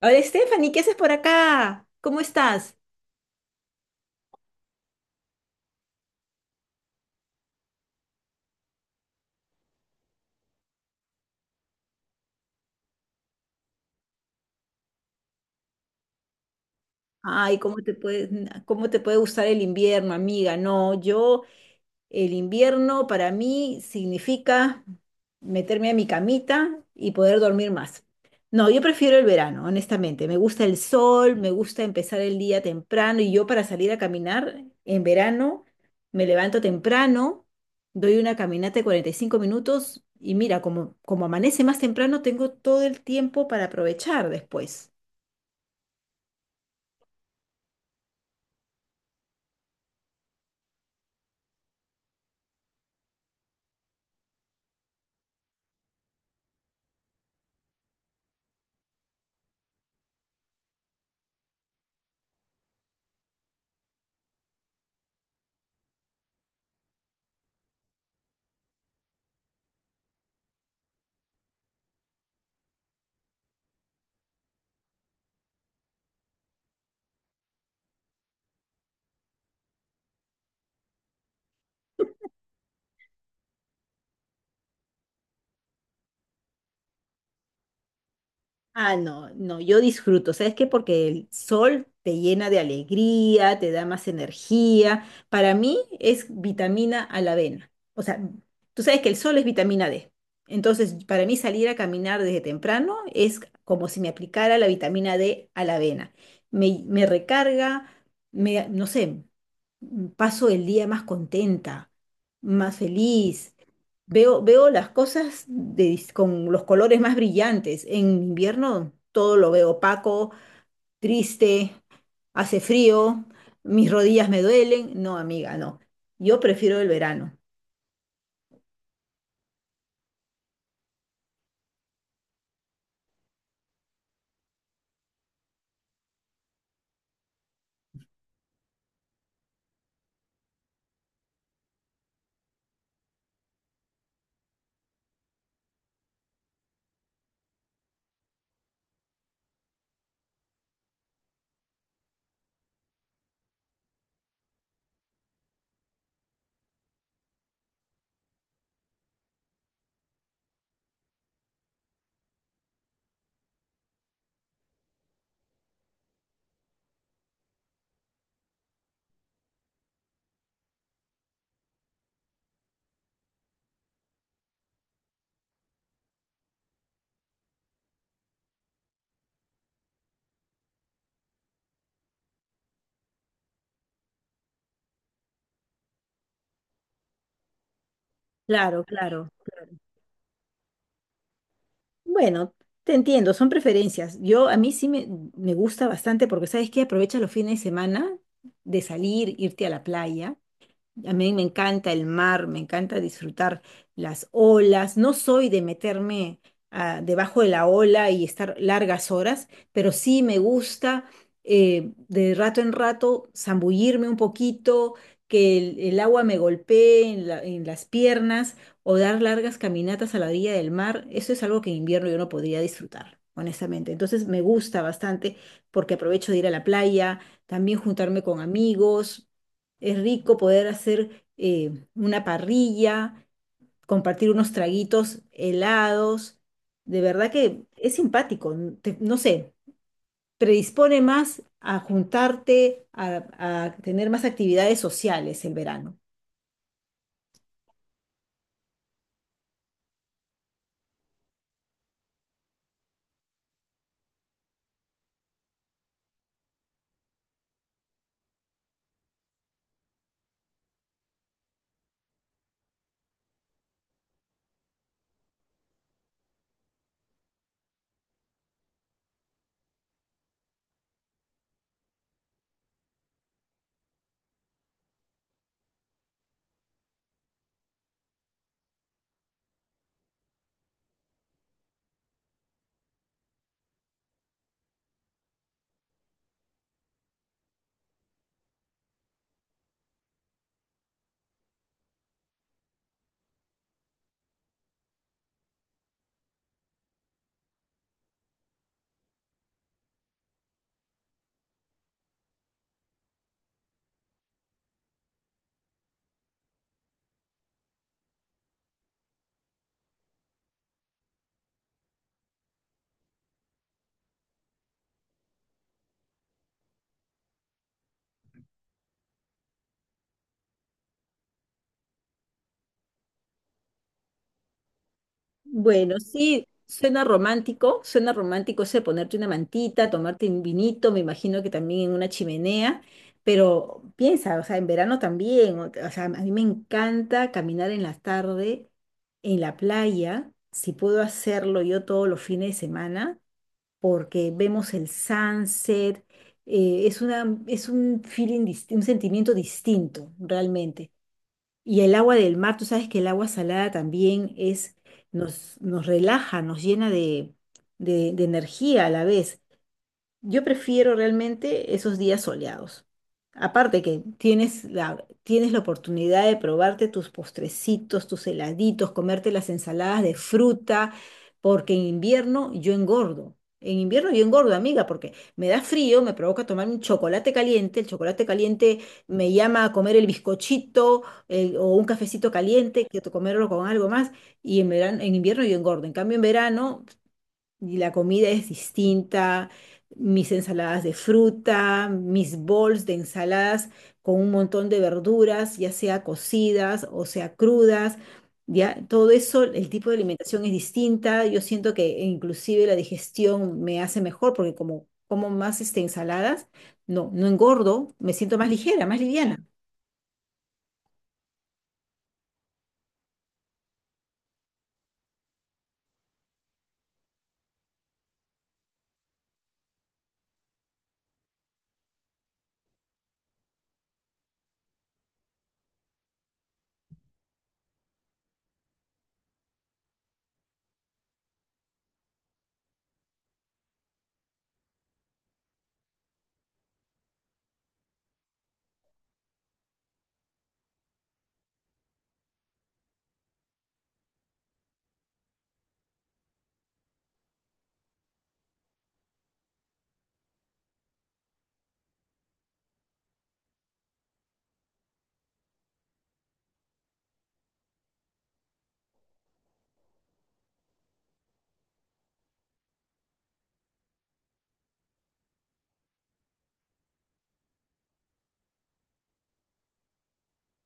Hola, Stephanie, ¿qué haces por acá? ¿Cómo estás? Ay, ¿cómo te puede gustar el invierno, amiga? No. yo El invierno para mí significa meterme a mi camita y poder dormir más. No, yo prefiero el verano, honestamente. Me gusta el sol, me gusta empezar el día temprano y yo para salir a caminar en verano me levanto temprano, doy una caminata de 45 minutos y mira, como amanece más temprano, tengo todo el tiempo para aprovechar después. Ah, no, no, yo disfruto, ¿sabes qué? Porque el sol te llena de alegría, te da más energía. Para mí es vitamina a la avena. O sea, tú sabes que el sol es vitamina D. Entonces, para mí salir a caminar desde temprano es como si me aplicara la vitamina D a la avena. Me recarga, no sé, paso el día más contenta, más feliz. Veo las cosas con los colores más brillantes. En invierno todo lo veo opaco, triste, hace frío, mis rodillas me duelen. No, amiga, no. Yo prefiero el verano. Claro, claro. Bueno, te entiendo, son preferencias. Yo a mí sí me gusta bastante porque sabes que aprovecha los fines de semana de salir, irte a la playa. A mí me encanta el mar, me encanta disfrutar las olas. No soy de meterme debajo de la ola y estar largas horas, pero sí me gusta de rato en rato zambullirme un poquito, que el agua me golpee en las piernas o dar largas caminatas a la orilla del mar. Eso es algo que en invierno yo no podría disfrutar, honestamente. Entonces me gusta bastante porque aprovecho de ir a la playa, también juntarme con amigos. Es rico poder hacer una parrilla, compartir unos traguitos helados. De verdad que es simpático, no sé, predispone más a juntarte, a tener más actividades sociales el verano. Bueno, sí, suena romántico ese de ponerte una mantita, tomarte un vinito, me imagino que también en una chimenea, pero piensa, o sea, en verano también, o sea, a mí me encanta caminar en la tarde en la playa, si puedo hacerlo yo todos los fines de semana, porque vemos el sunset, es un feeling, un sentimiento distinto realmente. Y el agua del mar, tú sabes que el agua salada también nos relaja, nos llena de energía a la vez. Yo prefiero realmente esos días soleados. Aparte que tienes la oportunidad de probarte tus postrecitos, tus heladitos, comerte las ensaladas de fruta, porque en invierno yo engordo. En invierno yo engordo, amiga, porque me da frío, me provoca tomar un chocolate caliente, el chocolate caliente me llama a comer el bizcochito o un cafecito caliente, que comerlo con algo más, y en invierno yo engordo. En cambio, en verano y la comida es distinta, mis ensaladas de fruta, mis bowls de ensaladas con un montón de verduras, ya sea cocidas o sea crudas, ya todo eso, el tipo de alimentación es distinta, yo siento que inclusive la digestión me hace mejor porque como más ensaladas, no, no engordo, me siento más ligera, más liviana.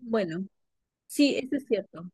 Bueno, sí, eso es cierto.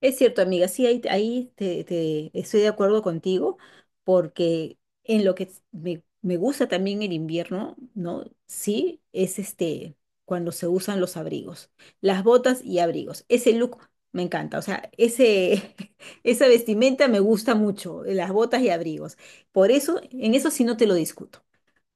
Es cierto, amiga, sí, ahí estoy de acuerdo contigo, porque en lo que es- me gusta también el invierno, ¿no? Sí, es este, cuando se usan los abrigos, las botas y abrigos. Ese look me encanta, o sea, esa vestimenta me gusta mucho, las botas y abrigos. Por eso, en eso sí no te lo discuto.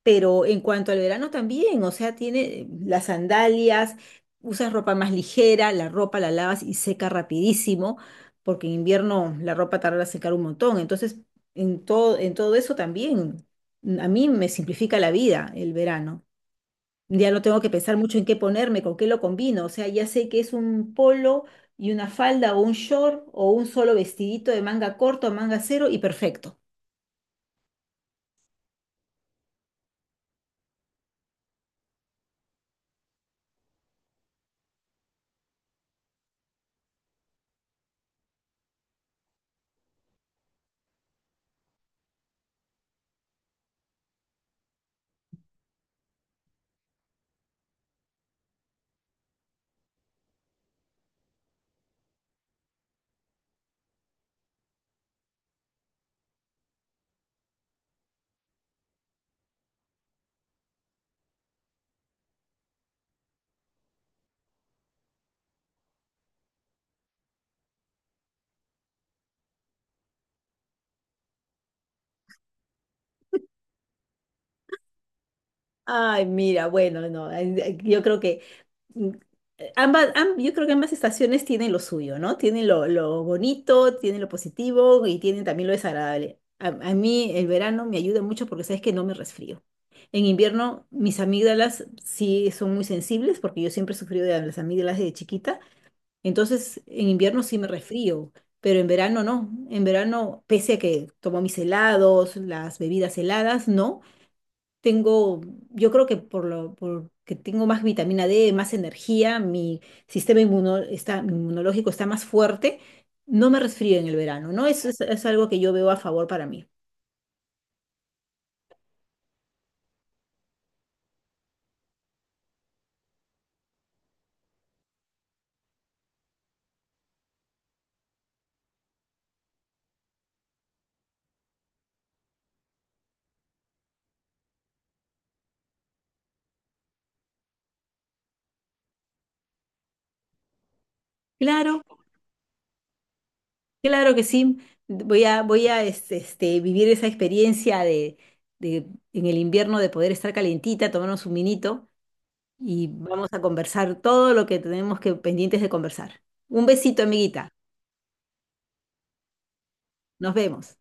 Pero en cuanto al verano también, o sea, tiene las sandalias, usas ropa más ligera, la ropa la lavas y seca rapidísimo, porque en invierno la ropa tarda en secar un montón. Entonces, en todo eso también, a mí me simplifica la vida el verano. Ya no tengo que pensar mucho en qué ponerme, con qué lo combino. O sea, ya sé que es un polo y una falda o un short o un solo vestidito de manga corto, manga cero y perfecto. Ay, mira, bueno, no, ay, ay, mm, yo creo que ambas estaciones tienen lo suyo, ¿no? Tienen lo bonito, tienen lo positivo y tienen también lo desagradable. A mí el verano me ayuda mucho porque sabes que no me resfrío. En invierno mis amígdalas sí son muy sensibles porque yo siempre he sufrido de las amígdalas de chiquita. Entonces en invierno sí me resfrío, pero en verano no. En verano, pese a que tomo mis helados, las bebidas heladas, no tengo, yo creo que porque tengo más vitamina D, más energía, mi sistema inmunológico está más fuerte, no me resfrío en el verano, ¿no? Eso es algo que yo veo a favor para mí. Claro, claro que sí. Voy a vivir esa experiencia de, de en el invierno de poder estar calientita, tomarnos un vinito y vamos a conversar todo lo que tenemos que pendientes de conversar. Un besito, amiguita. Nos vemos.